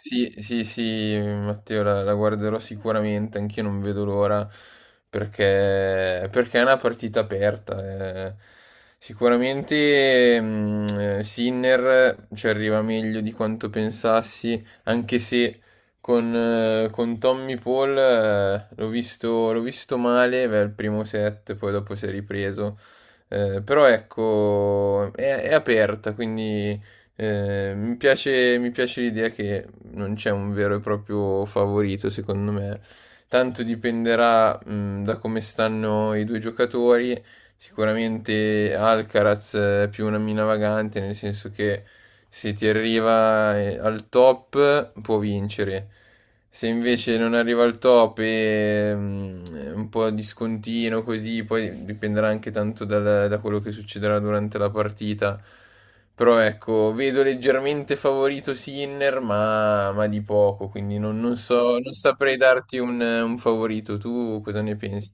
Sì, sì, sì, Matteo, la guarderò sicuramente, anch'io non vedo l'ora, perché è una partita aperta. Eh. Sicuramente Sinner ci arriva meglio di quanto pensassi, anche se con Tommy Paul l'ho visto male, beh, il primo set, poi dopo si è ripreso. Però ecco, è aperta, quindi... mi piace l'idea che non c'è un vero e proprio favorito, secondo me. Tanto dipenderà, da come stanno i due giocatori. Sicuramente Alcaraz è più una mina vagante, nel senso che se ti arriva al top può vincere. Se invece non arriva al top e è un po' discontinuo così, poi dipenderà anche tanto da quello che succederà durante la partita. Però ecco, vedo leggermente favorito Sinner, ma di poco, quindi non so, non saprei darti un favorito. Tu cosa ne pensi?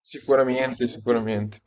Sicuramente, sicuramente.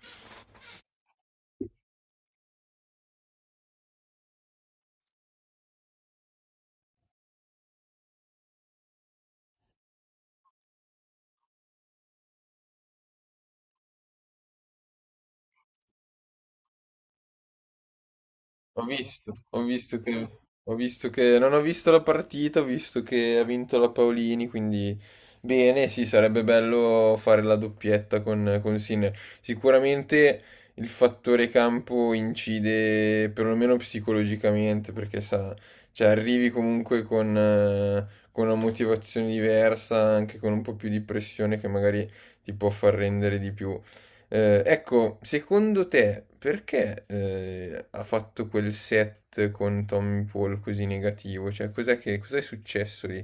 Ho visto ho visto che non ho visto la partita, ho visto che ha vinto la Paolini, quindi bene, sì, sarebbe bello fare la doppietta con Sinner. Sicuramente il fattore campo incide perlomeno psicologicamente, perché sa, cioè arrivi comunque con una motivazione diversa, anche con un po' più di pressione che magari ti può far rendere di più. Ecco, secondo te perché ha fatto quel set con Tommy Paul così negativo? Cioè, cos'è successo lì?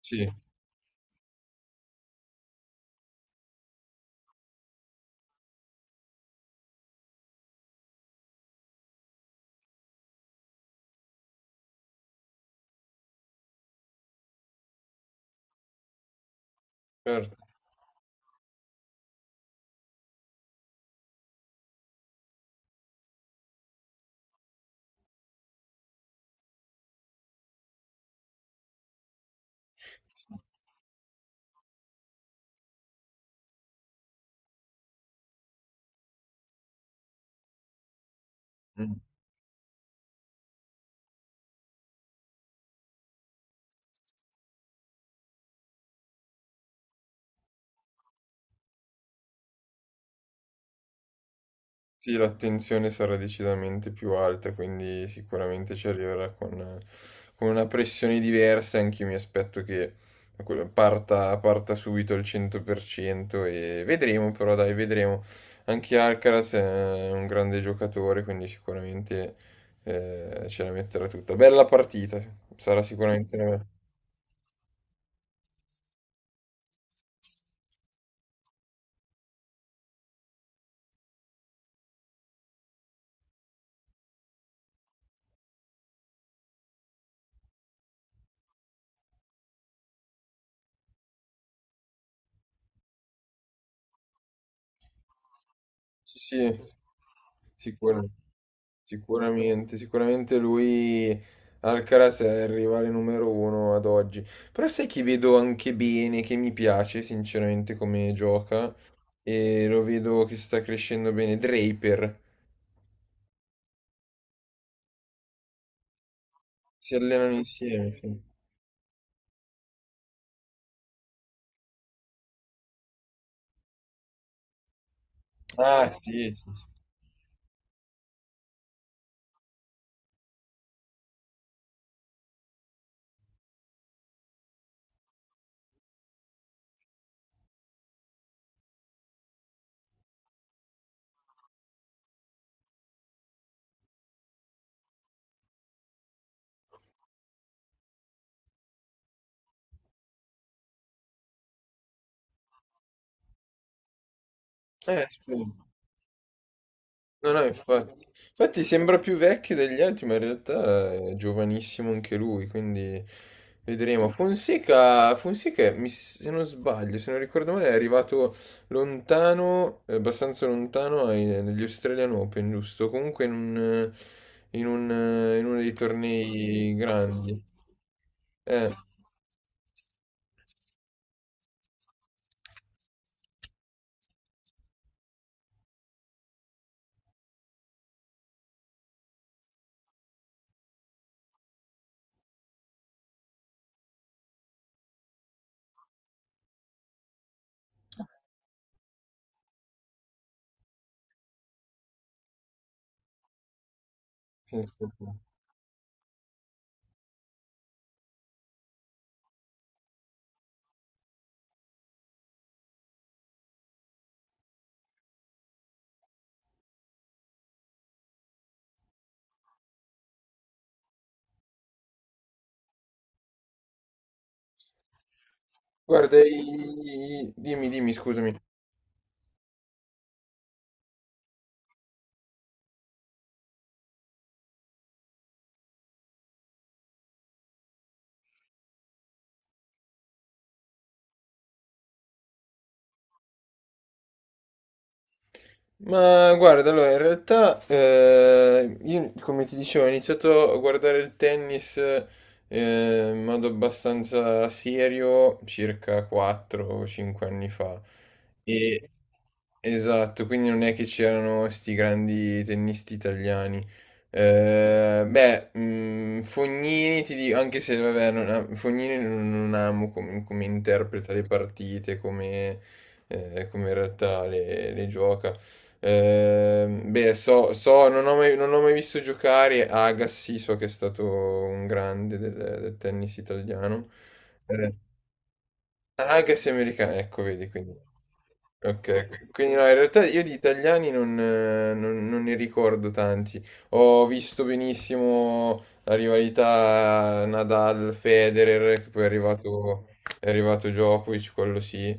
Sì. Certo. Sì, l'attenzione sarà decisamente più alta, quindi sicuramente ci arriverà con una pressione diversa. Anch'io mi aspetto che parta subito al 100% e vedremo, però dai, vedremo. Anche Alcaraz è un grande giocatore, quindi sicuramente ce la metterà tutta. Bella partita, sarà sicuramente una sì, sì, sicura- sicuramente, sicuramente lui Alcaraz è il rivale numero uno ad oggi. Però sai chi vedo anche bene, che mi piace sinceramente come gioca e lo vedo che sta crescendo bene, Draper, si allenano insieme. Sì. Ah, sì, sì, sì. Scusa. No, no, infatti. Infatti sembra più vecchio degli altri, ma in realtà è giovanissimo anche lui, quindi vedremo. Fonseca, se non sbaglio, se non ricordo male, è arrivato lontano, abbastanza lontano negli Australian Open, giusto? Comunque in un, in uno dei tornei grandi. Eh. Sì, sì, sì. Guarda, dimmi, dimmi, scusami. Ma guarda, allora in realtà io come ti dicevo ho iniziato a guardare il tennis in modo abbastanza serio circa 4 o 5 anni fa. E, esatto, quindi non è che c'erano sti grandi tennisti italiani. Beh, Fognini ti dico, anche se vabbè, non am- Fognini non amo come, come interpreta le partite, come, come in realtà le gioca. Beh, non ho mai, non ho mai visto giocare Agassi, so che è stato un grande del tennis italiano. Eh, anche se americano, ecco, vedi, quindi. Ok, ok, quindi no, in realtà io di italiani non ne ricordo tanti. Ho visto benissimo la rivalità Nadal-Federer, che poi è arrivato Djokovic, quello sì.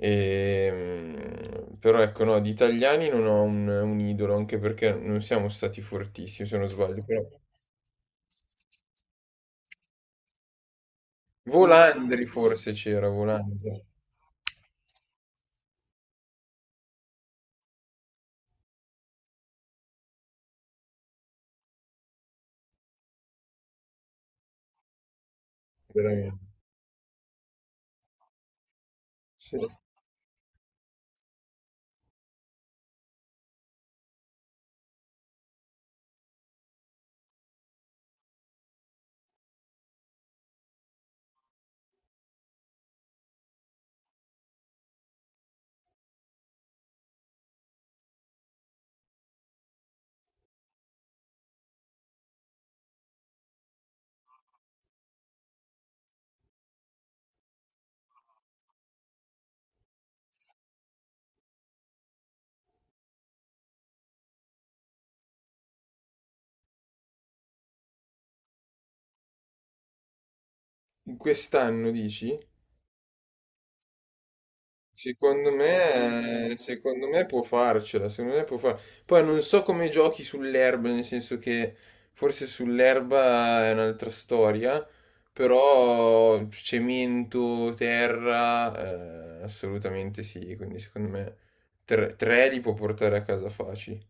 E, però ecco, no, di italiani non ho un idolo, anche perché non siamo stati fortissimi, se non sbaglio. Però... Volandri forse c'era, Volandri. Veramente. Sì, sì. In quest'anno dici? Secondo me può farcela, secondo me può far... Poi non so come giochi sull'erba, nel senso che forse sull'erba è un'altra storia, però cemento, terra, assolutamente sì, quindi secondo me tre, tre li può portare a casa facili.